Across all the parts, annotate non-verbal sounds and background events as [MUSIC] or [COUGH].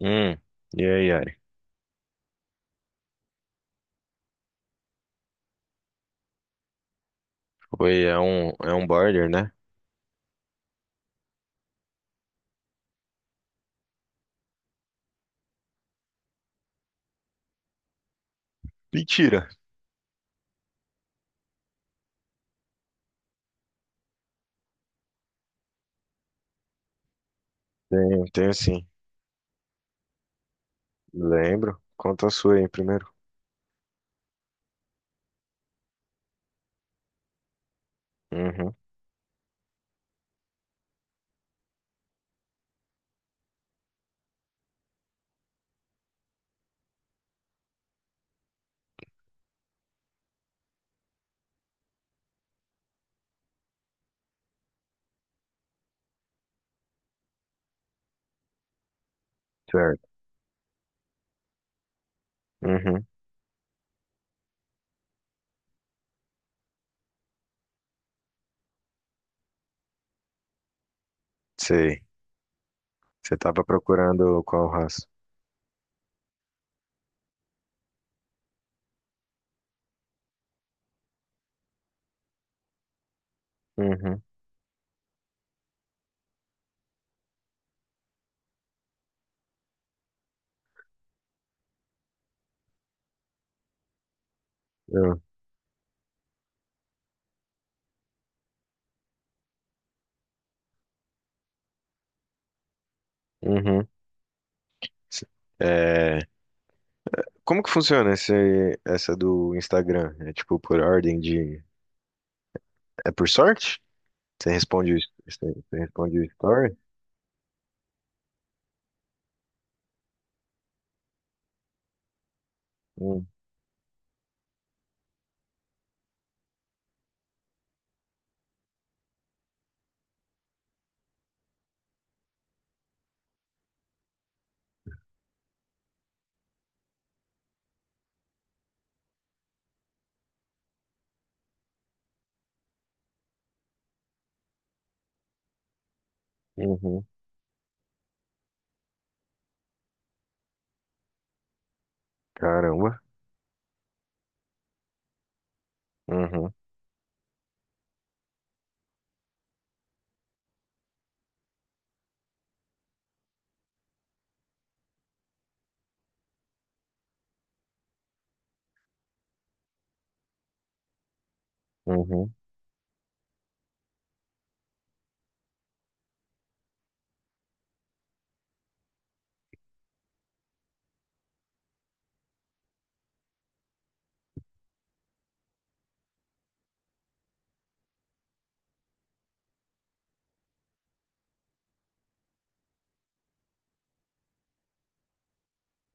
Hum, e aí, Ari? Oi, é um border, né? Mentira. Tenho sim. Lembro. Conta a sua aí primeiro. Uhum, certo. Uhum, sei. Você tava procurando qual raça? Uhum, eu- uhum. se- É, como que funciona essa do Instagram? É tipo por ordem de... É por sorte? Você responde, você responde o story? Hum. Uhum, caramba. Uhum, uhum,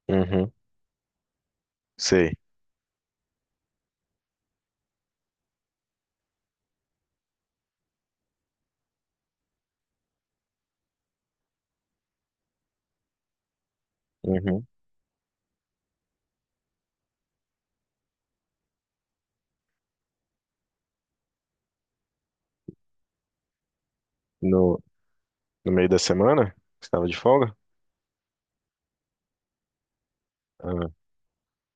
uhum. Sei. Uhum. No, No meio da semana? Você estava de folga? Ah,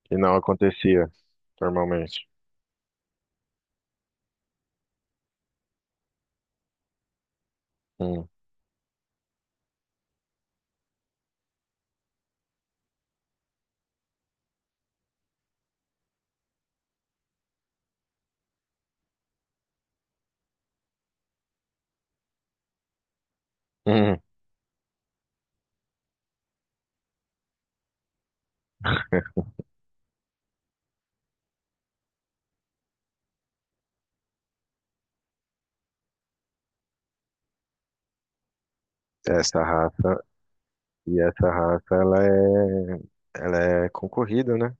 e não acontecia normalmente. Hum. Hum. [LAUGHS] Essa raça, e essa raça, ela é concorrida, né?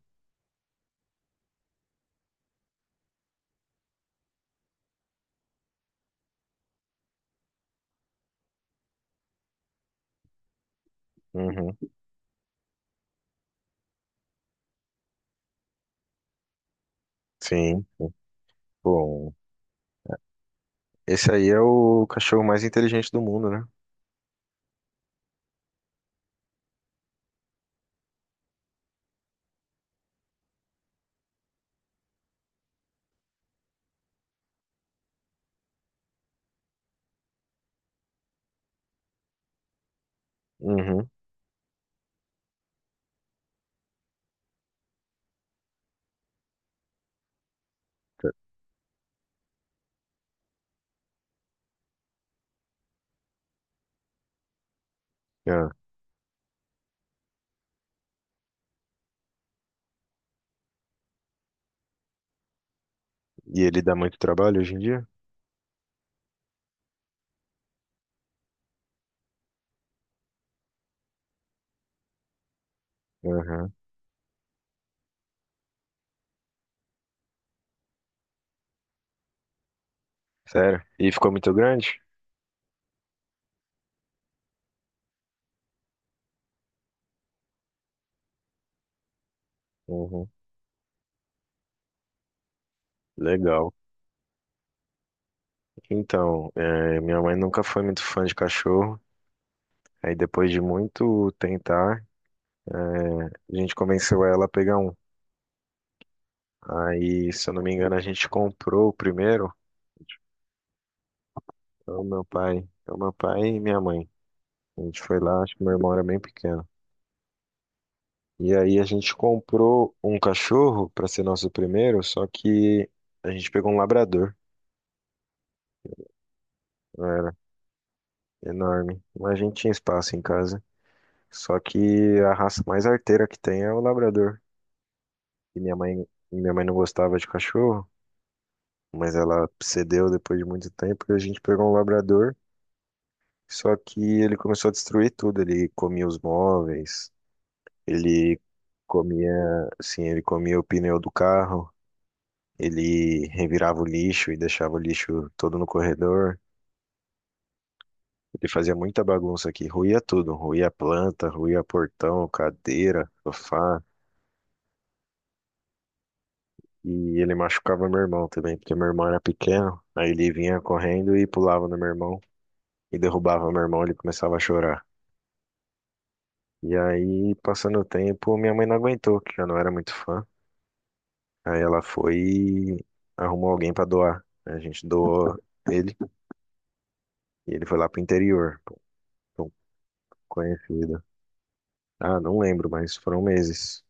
Uhum. Sim, sim. Bom, esse aí é o cachorro mais inteligente do mundo, né? Uhum. Ah, e ele dá muito trabalho hoje em dia? Uhum. Sério? E ficou muito grande? Uhum. Legal. Então, minha mãe nunca foi muito fã de cachorro. Aí depois de muito tentar, é, a gente convenceu ela a pegar um. Aí, se eu não me engano, a gente comprou o primeiro. Então, meu pai e minha mãe. A gente foi lá, acho que meu irmão era bem pequeno. E aí a gente comprou um cachorro para ser nosso primeiro, só que a gente pegou um labrador. Era enorme. Mas a gente tinha espaço em casa. Só que a raça mais arteira que tem é o labrador. E minha mãe não gostava de cachorro, mas ela cedeu depois de muito tempo e a gente pegou um labrador. Só que ele começou a destruir tudo. Ele comia os móveis, ele comia, ele comia o pneu do carro, ele revirava o lixo e deixava o lixo todo no corredor. Ele fazia muita bagunça aqui, ruía tudo, ruía planta, ruía portão, cadeira, sofá. E ele machucava meu irmão também, porque meu irmão era pequeno. Aí ele vinha correndo e pulava no meu irmão e derrubava meu irmão, ele começava a chorar. E aí, passando o tempo, minha mãe não aguentou, que já não era muito fã. Aí ela foi e arrumou alguém pra doar, né? A gente doou ele e ele foi lá pro interior, pra um conhecido. Ah, não lembro, mas foram meses.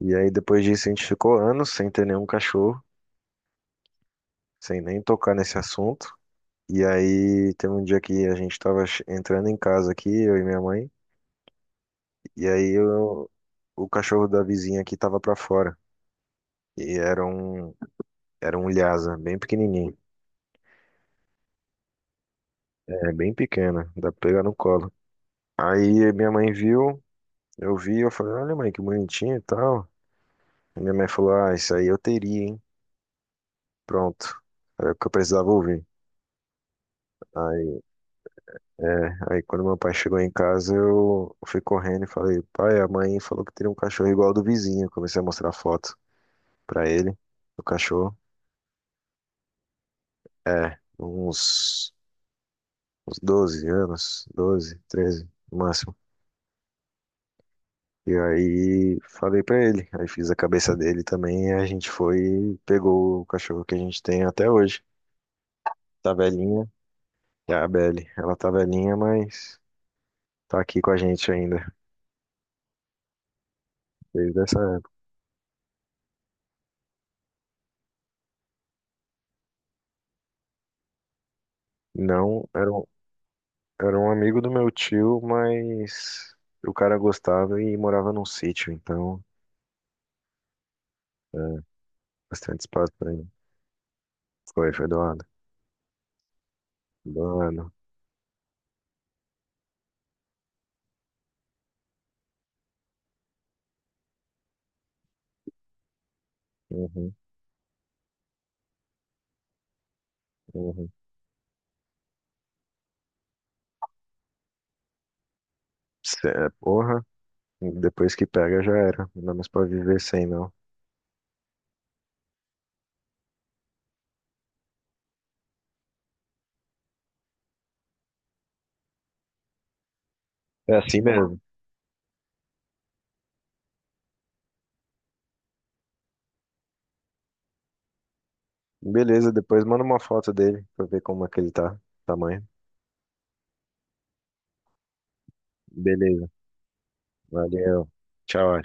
E aí depois disso a gente ficou anos sem ter nenhum cachorro, sem nem tocar nesse assunto. E aí teve um dia que a gente tava entrando em casa aqui, eu e minha mãe, e aí eu- o cachorro da vizinha aqui tava pra fora. E era um Lhasa, bem pequenininho, é bem pequena, dá pra pegar no colo. Aí minha mãe viu, Eu vi, eu falei, olha, mãe, que bonitinho e tal. E minha mãe falou, ah, isso aí eu teria, hein? Pronto. Era o que eu precisava ouvir. Aí, aí quando meu pai chegou em casa, eu fui correndo e falei, pai, a mãe falou que teria um cachorro igual ao do vizinho. Comecei a mostrar foto pra ele, do cachorro. É, uns 12 anos, 12, 13 no máximo. E aí falei pra ele, aí fiz a cabeça dele também, e a gente foi e pegou o cachorro que a gente tem até hoje. Tá velhinho. É a Belle. Ela tá velhinha, mas tá aqui com a gente ainda, desde essa época. Não, era um amigo do meu tio, mas o cara gostava e morava num sítio, então é, bastante espaço pra ele. Foi, foi doado. Doado. Uhum, uhum. Cê, porra, depois que pega já era. Não dá mais pra viver sem, não. É assim mesmo. Beleza, depois manda uma foto dele pra ver como é que ele tá. Tamanho. Beleza. Valeu. Tchau.